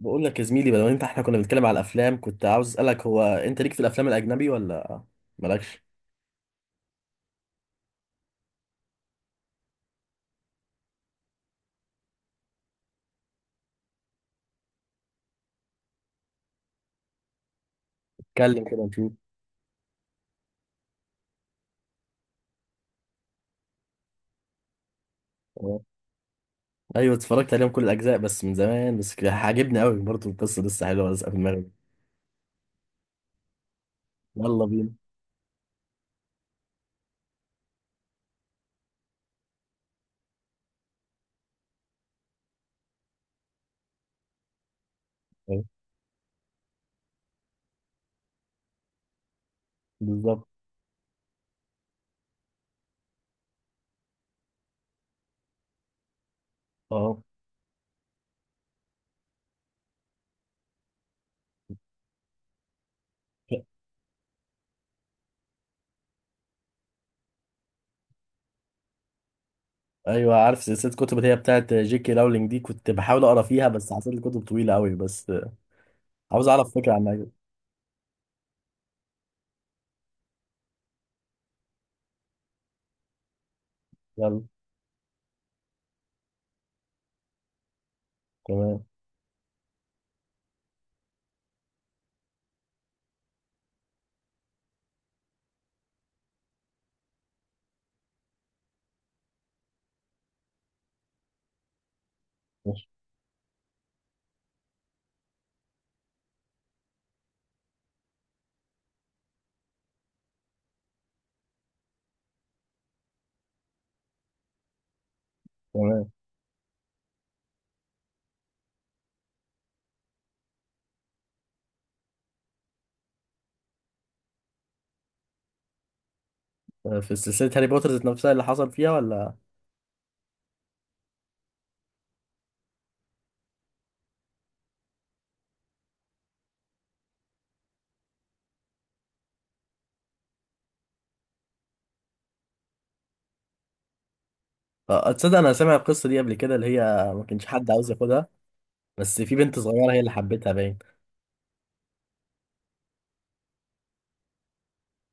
بقول لك يا زميلي، بدل ما انت احنا كنا بنتكلم على الافلام، كنت عاوز اسالك هو انت ليك في الافلام الاجنبي ولا مالكش؟ اتكلم كده نشوف. اه. ايوه اتفرجت عليهم كل الاجزاء بس من زمان، بس كده عاجبني قوي برضه، القصه لسه حلوه لسه في دماغي. يلا بينا. اه. بالظبط. اه ايوه عارف، سلسله كتب اللي هي بتاعت جي كي راولينج دي، كنت بحاول اقرا فيها بس حسيت الكتب طويله قوي، بس عاوز اعرف فكره عنها. يلا. تمام. ماشي. تمام. اه، في سلسله هاري بوتر ذات نفسها اللي حصل فيها ولا؟ آه، تصدق انا سامع القصه دي قبل كده، اللي هي ما كانش حد عاوز ياخدها، بس في بنت صغيره هي اللي حبتها باين.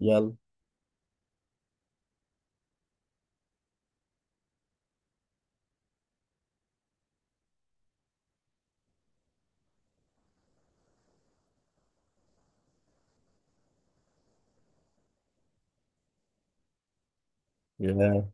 يلا. يلا.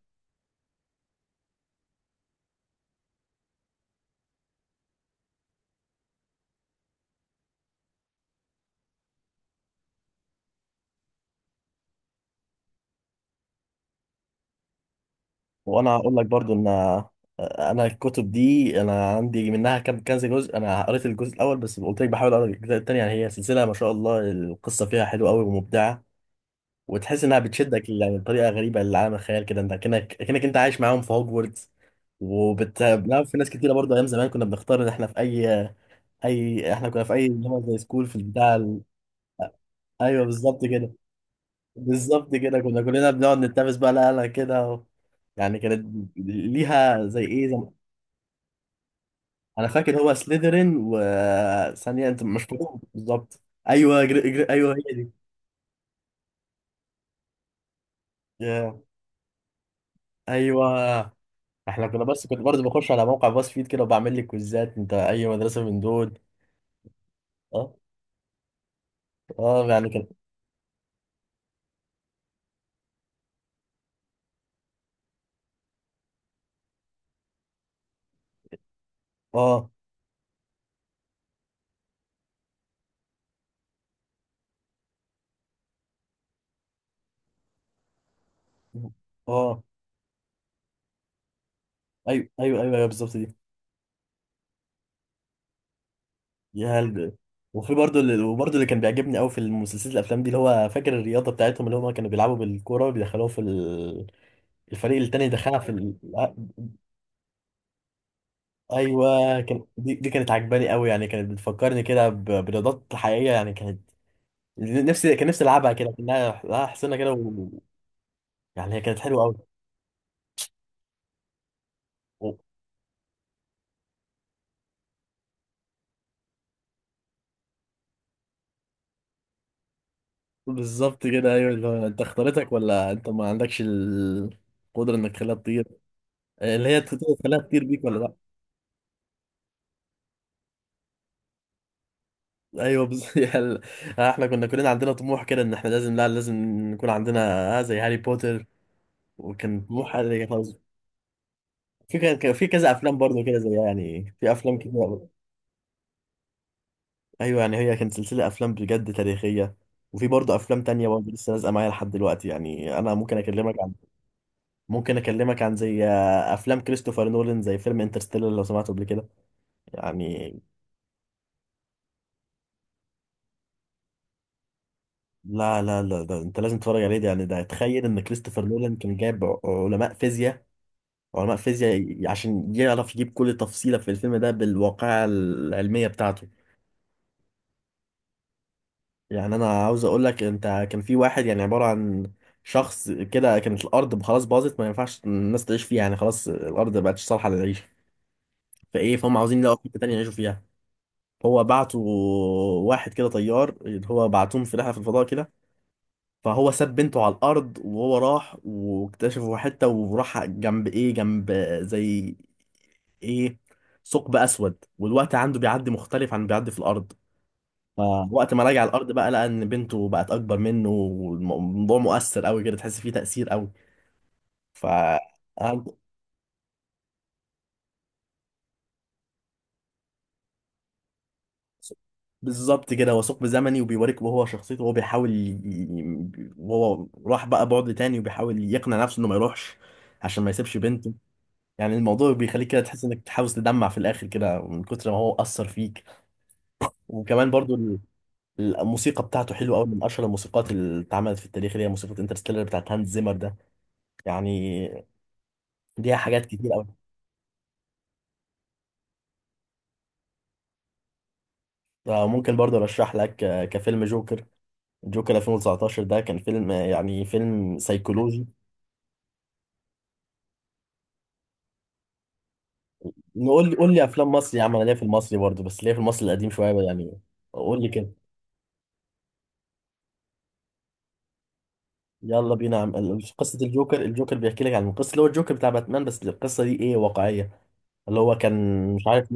وانا هقول لك برضو ان انا الكتب دي انا عندي منها كام كذا جزء، انا قريت الجزء الاول بس، قلت لك بحاول اقرا الجزء الثاني. يعني هي سلسله ما شاء الله، القصه فيها حلوه قوي ومبدعه، وتحس انها بتشدك يعني بطريقه غريبه لعالم الخيال كده، انت كأنك انت عايش معاهم في هوجورتس. وبت لا، في ناس كتيره برضه، ايام زمان كنا بنختار ان احنا في اي، اي احنا كنا في اي اللي هو زي سكول في البتاع. ايوه بالظبط كده. بالظبط كده كنا كلنا بنقعد نتنافس بقى، لا لا كده و... يعني كانت ليها زي ايه زي... انا فاكر هو سليذرين، وثانيه انت مش فاكرهم بالظبط. ايوه جر... جر... ايوه هي دي. يا ايوه. احنا كنا بس كنت برضه بخش على موقع باص فيد كده وبعمل لي كويزات انت اي مدرسه من دول. اه اه. يعني كان اه اه ايوه ايوه ايوه أيوه، بالظبط دي. يا هلد. وفي برضه اللي وبرضه اللي كان بيعجبني قوي في المسلسلات الافلام دي، اللي هو فاكر الرياضه بتاعتهم اللي هم كانوا بيلعبوا بالكوره بيدخلوها في ال- الفريق التاني دخلها في ال... ايوه كان دي، دي كانت عجباني قوي، يعني كانت بتفكرني كده ب- برياضات حقيقيه، يعني كانت نفسي، كان نفسي العبها، كده كانها لها حسنه كده و... يعني هي كانت حلوه قوي. و- بالظبط كده ايوه، اللي هو انت اختارتك ولا انت ما عندكش القدره انك تخليها تطير. آه، اللي هي تخليها تطير بيك ولا لا. ايوه بز... يعني احنا كنا كلنا عندنا طموح كده ان احنا لازم، لا لازم نكون عندنا آه زي هاري بوتر، وكان طموح هاري خلاص. في كان في كذا افلام برضو كده، زي يعني في افلام كتير أوي. ايوه يعني هي كانت سلسله افلام بجد تاريخيه، وفي برضو افلام تانية برضو لسه لازقه معايا لحد دلوقتي، يعني انا ممكن اكلمك عن، ممكن اكلمك عن زي افلام كريستوفر نولان زي فيلم انترستيلر لو سمعته قبل كده. يعني لا لا لا ده انت لازم تتفرج عليه، ده يعني ده تخيل ان كريستوفر نولان كان جايب ع- علماء فيزياء، وعلماء فيزياء ي- عشان يعرف يجيب كل تفصيلة في الفيلم ده بالواقعة العلمية بتاعته. يعني أنا عاوز أقول لك أنت كان في واحد يعني عبارة عن شخص كده، كانت الأرض خلاص باظت ما ينفعش الناس تعيش فيها، يعني خلاص الأرض ما بقتش صالحة للعيش، فإيه فهم عاوزين يلاقوا حتة تانية يعيشوا فيها. هو بعتوا واحد كده طيار، اللي هو بعتوهم في رحلة في الفضاء كده، فهو ساب بنته على الارض وهو راح، واكتشفوا حته وراح جنب ايه جنب زي ايه ثقب اسود، والوقت عنده بيعدي مختلف عن بيعدي في الارض، فوقت ما راجع الارض بقى لقى ان بنته بقت اكبر منه، والموضوع مؤثر قوي كده، تحس فيه تاثير قوي. ف بالظبط كده، هو ثقب زمني، وبيوريك وهو شخصيته وهو بيحاول ي... وهو راح بقى بعد تاني وبيحاول يقنع نفسه انه ما يروحش عشان ما يسيبش بنته. يعني الموضوع بيخليك كده تحس انك تحاول تدمع في الاخر كده من كتر ما هو اثر فيك. وكمان برضو ال- الموسيقى بتاعته حلوه قوي، من اشهر الموسيقات اللي اتعملت في التاريخ، اللي هي موسيقى انترستيلر بتاعت هانز زيمر ده. يعني ليها حاجات كتير قوي. ممكن برضو ارشح لك كفيلم جوكر، جوكر 2019، ده كان فيلم يعني فيلم سيكولوجي. نقول لي قول لي افلام مصري يا عم، انا ليا في المصري برضو بس ليا في المصري القديم شويه بقى، يعني قول لي كده. يلا بينا يا عم. قصه الجوكر، الجوكر بيحكي لك عن القصه اللي هو الجوكر بتاع باتمان، بس القصه دي ايه واقعيه، اللي هو كان مش عارف.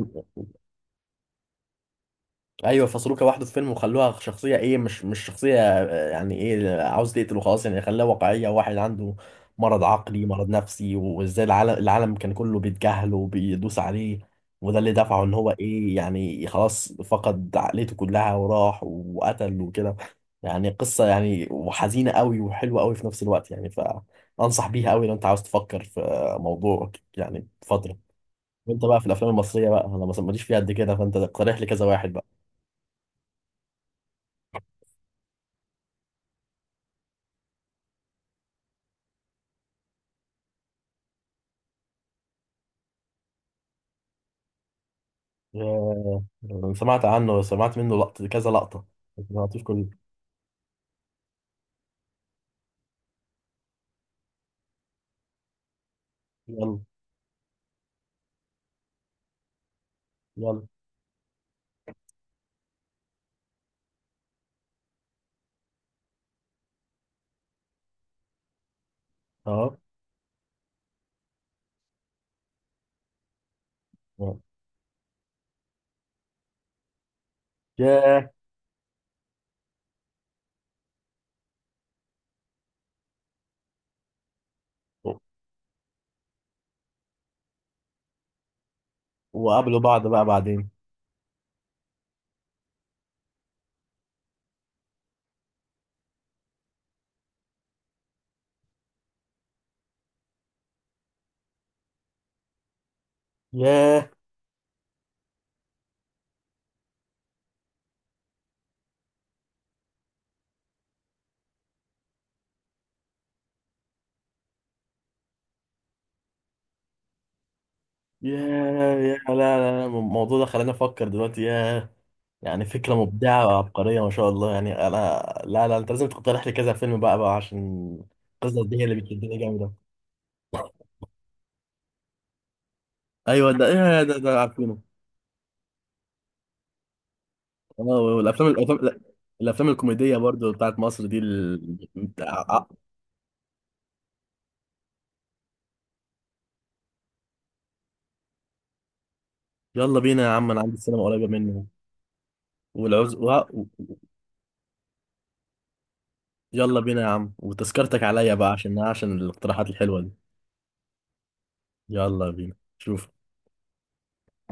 ايوه فصلوه كواحد في فيلم، وخلوها شخصيه ايه مش شخصيه يعني ايه عاوز تقتله خلاص، يعني خلاها واقعيه، واحد عنده مرض عقلي مرض نفسي، وازاي العالم، العالم كان كله بيتجاهله وبيدوس عليه، وده اللي دفعه ان هو ايه يعني خلاص فقد عقليته كلها وراح وقتل وكده. يعني قصه يعني وحزينه قوي وحلوه قوي في نفس الوقت يعني، فانصح بيها قوي لو انت عاوز تفكر في موضوع يعني فتره. وانت بقى في الافلام المصريه بقى، انا ما- ماليش فيها قد كده، فانت اقترح لي كذا واحد بقى. آه، انا سمعت عنه، سمعت منه لقطه كذا لقطه، لكن ما عرفتوش كله. يلا. يلا. اهو. أهو. ياه. و- وقابلوا بعض بقى بعدين. ياه. ياه. ياه لا لا لا، الموضوع ده خلاني افكر دلوقتي. ياه، يعني فكره مبدعه وعبقريه ما شاء الله، يعني انا لا لا انت لازم تقترح لي كذا فيلم بقى بقى، عشان القصه دي هي اللي بتشدني جامده. ايوه ده ايه ده، ده عارفينه. اه والافلام الافلام لا، الافلام الكوميديه برضو بتاعت مصر دي ال... ع- ع- يلا بينا يا عم، انا عندي السينما قريبه مني. والعز و... و- يلا بينا يا عم، وتذكرتك عليا بقى عشان عشان الاقتراحات الحلوه دي. يلا بينا شوف